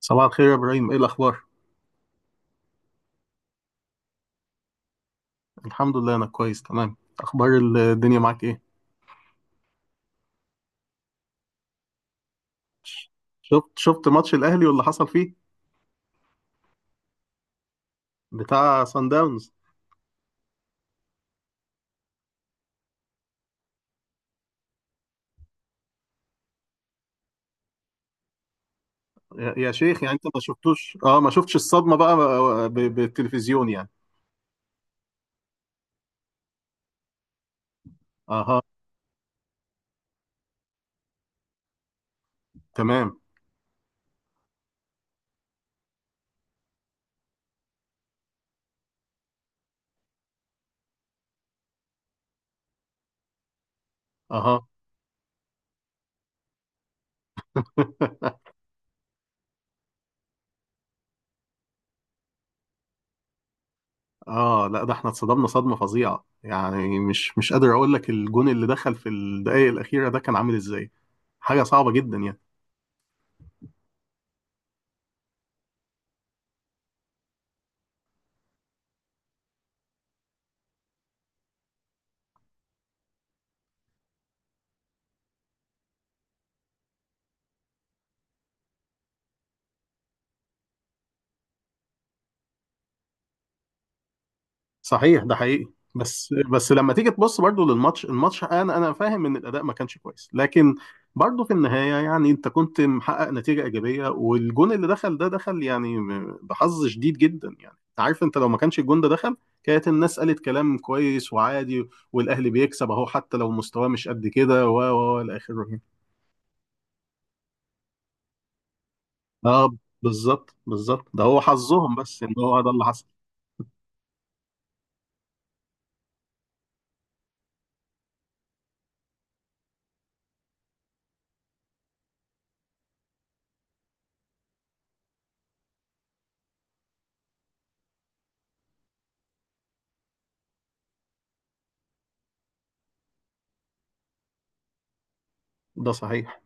صباح الخير يا ابراهيم، ايه الاخبار؟ الحمد لله، انا كويس تمام. اخبار الدنيا معاك ايه؟ شفت ماتش الاهلي واللي حصل فيه بتاع سان داونز. يا شيخ، يعني انت ما شفتوش اه ما شفتش الصدمه بقى، بالتلفزيون يعني. اها، تمام، اها. اه لا، ده احنا اتصدمنا صدمه فظيعه يعني، مش قادر اقول لك الجون اللي دخل في الدقائق الاخيره ده كان عامل ازاي. حاجه صعبه جدا يعني. صحيح، ده حقيقي. بس لما تيجي تبص برضو للماتش، انا فاهم ان الاداء ما كانش كويس، لكن برضو في النهايه يعني انت كنت محقق نتيجه ايجابيه، والجون اللي دخل ده دخل يعني بحظ شديد جدا يعني. انت عارف، انت لو ما كانش الجون ده دخل، كانت الناس قالت كلام كويس وعادي، والاهلي بيكسب اهو حتى لو مستواه مش قد كده و الى اخره يعني. اه بالظبط بالظبط، ده هو حظهم، بس ان هو ده اللي حصل. ده صحيح.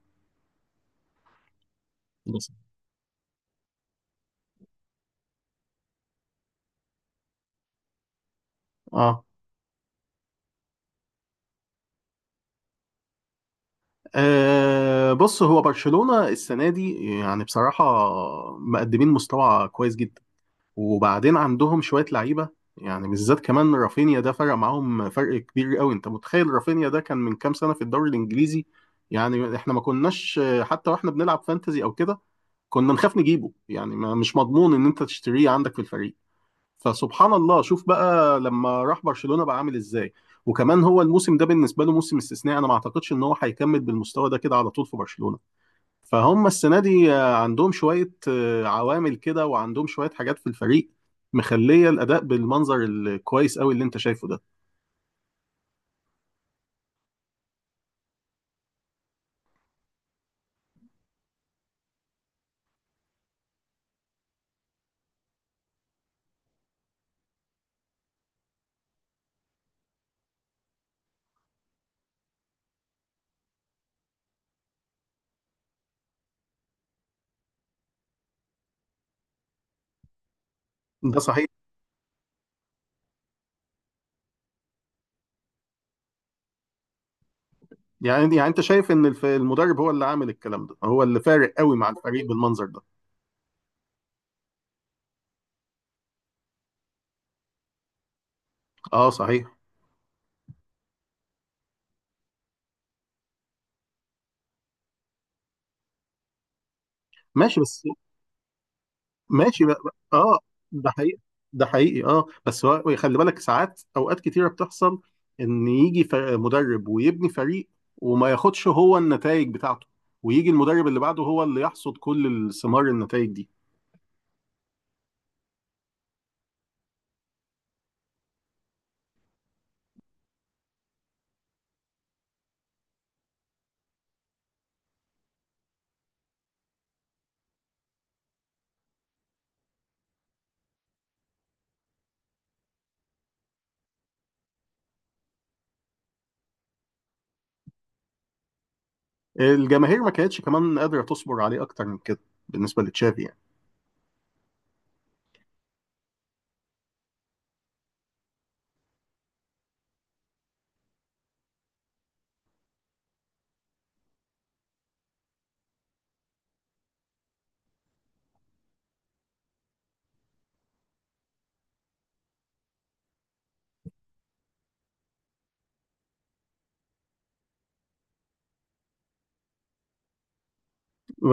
ده صحيح. اه أه بص، هو برشلونة السنة دي يعني بصراحة مقدمين مستوى كويس جدا، وبعدين عندهم شوية لعيبة. يعني بالذات كمان رافينيا ده فرق معاهم فرق كبير قوي. انت متخيل رافينيا ده كان من كام سنة في الدوري الانجليزي؟ يعني احنا ما كناش حتى واحنا بنلعب فانتزي او كده كنا نخاف نجيبه، يعني ما مش مضمون ان انت تشتريه عندك في الفريق. فسبحان الله، شوف بقى لما راح برشلونة بقى عامل ازاي. وكمان هو الموسم ده بالنسبة له موسم استثنائي، انا ما اعتقدش ان هو هيكمل بالمستوى ده كده على طول في برشلونة. فهم السنة دي عندهم شوية عوامل كده، وعندهم شوية حاجات في الفريق مخلية الأداء بالمنظر الكويس قوي اللي انت شايفه ده. ده صحيح. يعني انت شايف ان المدرب هو اللي عامل الكلام ده، هو اللي فارق قوي مع الفريق بالمنظر ده؟ اه صحيح. ماشي بس. ماشي اه، ده حقيقي. ده حقيقي. اه بس هو خلي بالك ساعات، اوقات كتيره بتحصل ان يجي مدرب ويبني فريق وما ياخدش هو النتائج بتاعته، ويجي المدرب اللي بعده هو اللي يحصد كل الثمار، النتائج دي. الجماهير ما كانتش كمان قادره تصبر عليه اكتر من كده بالنسبه لتشافي يعني.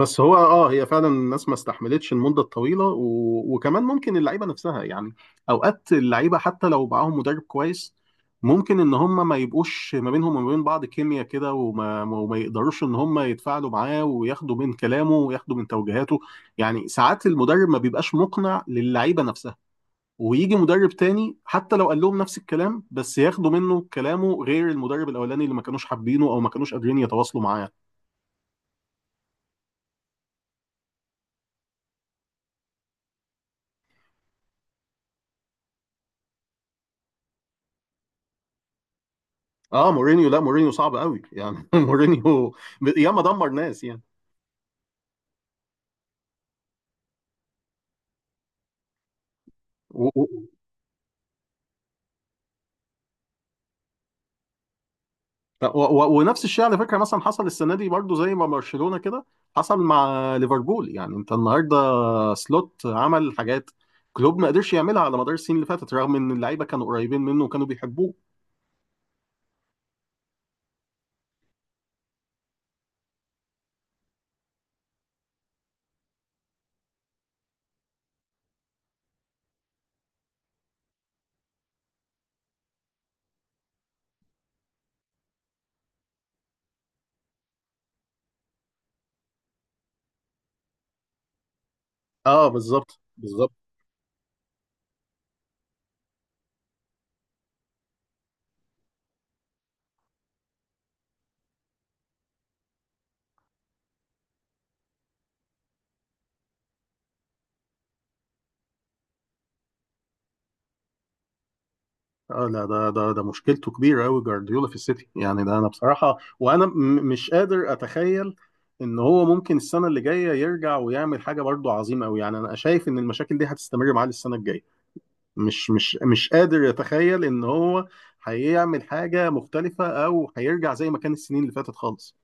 بس هو اه هي فعلا الناس ما استحملتش المده الطويله، وكمان ممكن اللعيبه نفسها يعني، اوقات اللعيبه حتى لو معاهم مدرب كويس ممكن ان هم ما يبقوش ما بينهم وما بين بعض كيمياء كده، وما يقدروش ان هم يتفاعلوا معاه وياخدوا من كلامه وياخدوا من توجيهاته. يعني ساعات المدرب ما بيبقاش مقنع للعيبه نفسها، ويجي مدرب تاني حتى لو قال لهم نفس الكلام بس ياخدوا منه كلامه، غير المدرب الاولاني اللي ما كانوش حابينه او ما كانوش قادرين يتواصلوا معاه. اه مورينيو، لا مورينيو صعب قوي يعني مورينيو ياما دمر ناس يعني. و... و... ونفس الشيء على فكره، مثلا حصل السنه دي برضو زي ما برشلونه كده، حصل مع ليفربول. يعني انت النهارده سلوت عمل حاجات كلوب ما قدرش يعملها على مدار السنين اللي فاتت، رغم ان اللعيبه كانوا قريبين منه وكانوا بيحبوه. اه بالظبط بالظبط. اه لا، ده ده مشكلته كبيره قوي جوارديولا في السيتي يعني. ده انا بصراحه، وانا مش قادر اتخيل ان هو ممكن السنه اللي جايه يرجع ويعمل حاجه برضو عظيمه قوي. يعني انا شايف ان المشاكل دي هتستمر معاه للسنه الجايه، مش قادر اتخيل ان هو هيعمل حاجه مختلفه او هيرجع زي ما كان السنين اللي فاتت خالص.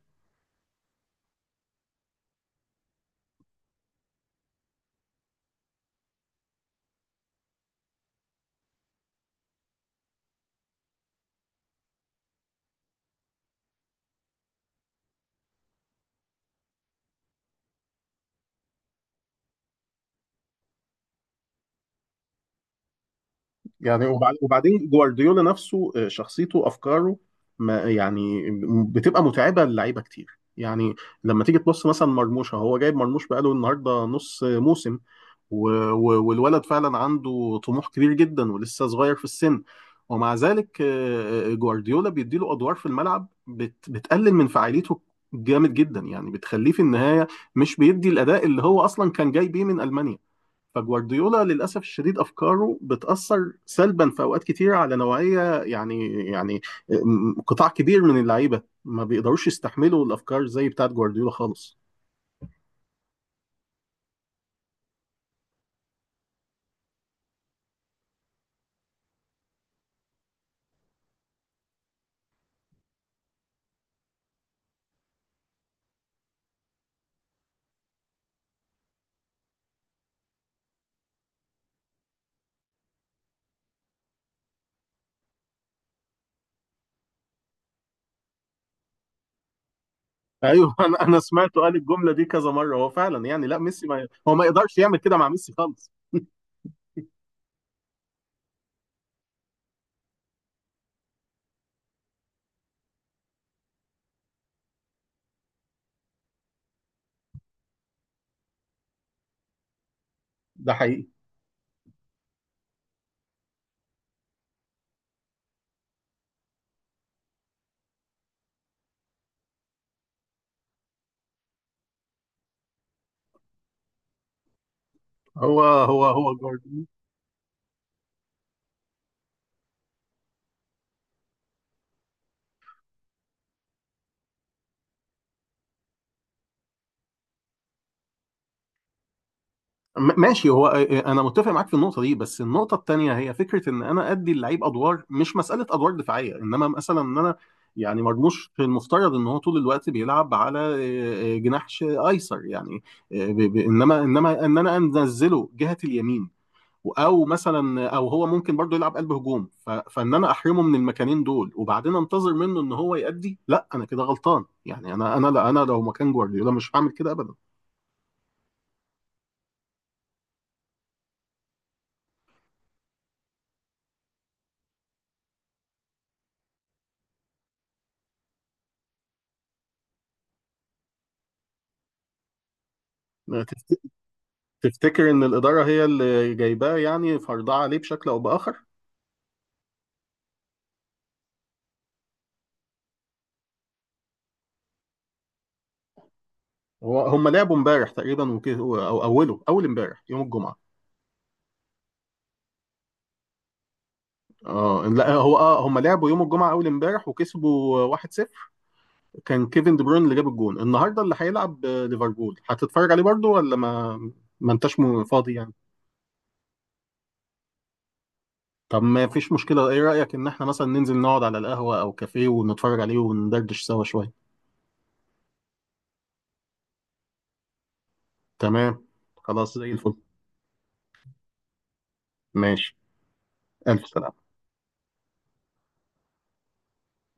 يعني وبعدين جوارديولا نفسه شخصيته، افكاره ما يعني بتبقى متعبه للعيبه كتير يعني. لما تيجي تبص مثلا مرموش، هو جايب مرموش بقاله النهارده نص موسم، والولد فعلا عنده طموح كبير جدا ولسه صغير في السن، ومع ذلك جوارديولا بيديله ادوار في الملعب بتقلل من فاعليته جامد جدا يعني، بتخليه في النهايه مش بيدي الاداء اللي هو اصلا كان جاي بيه من المانيا. فجوارديولا للأسف الشديد أفكاره بتأثر سلبا في أوقات كتير على نوعية، يعني قطاع كبير من اللعيبة ما بيقدروش يستحملوا الأفكار زي بتاعت جوارديولا خالص. أيوه أنا سمعته قال الجملة دي كذا مرة. هو فعلا يعني لا ميسي، ما هو ما يقدرش يعمل كده مع ميسي خالص. ده حقيقي. هو جوارديولا. ماشي. هو انا متفق معاك في النقطه دي، بس النقطه التانيه هي فكره ان انا ادي اللعيب ادوار، مش مساله ادوار دفاعيه، انما مثلا ان انا يعني مرموش المفترض ان هو طول الوقت بيلعب على جناح ايسر يعني. انما ان انا انزله جهه اليمين، او مثلا او هو ممكن برضه يلعب قلب هجوم، فان انا احرمه من المكانين دول وبعدين انتظر منه ان هو يأدي. لا انا كده غلطان يعني، انا لا، انا لو مكان جوارديولا مش هعمل كده ابدا. تفتكر ان الاداره هي اللي جايباه يعني فرضاه عليه بشكل او باخر؟ هو هم لعبوا امبارح تقريبا وكده او اوله اول امبارح يوم الجمعه. اه لا، هو اه هم لعبوا يوم الجمعه اول امبارح وكسبوا 1-0. كان كيفن دي بروين اللي جاب الجون. النهارده اللي هيلعب ليفربول هتتفرج عليه برضو، ولا ما انتش فاضي يعني؟ طب ما فيش مشكله، ايه رايك ان احنا مثلا ننزل نقعد على القهوه او كافيه ونتفرج عليه وندردش سوا شويه؟ تمام، خلاص زي الفل. ماشي، الف سلامه.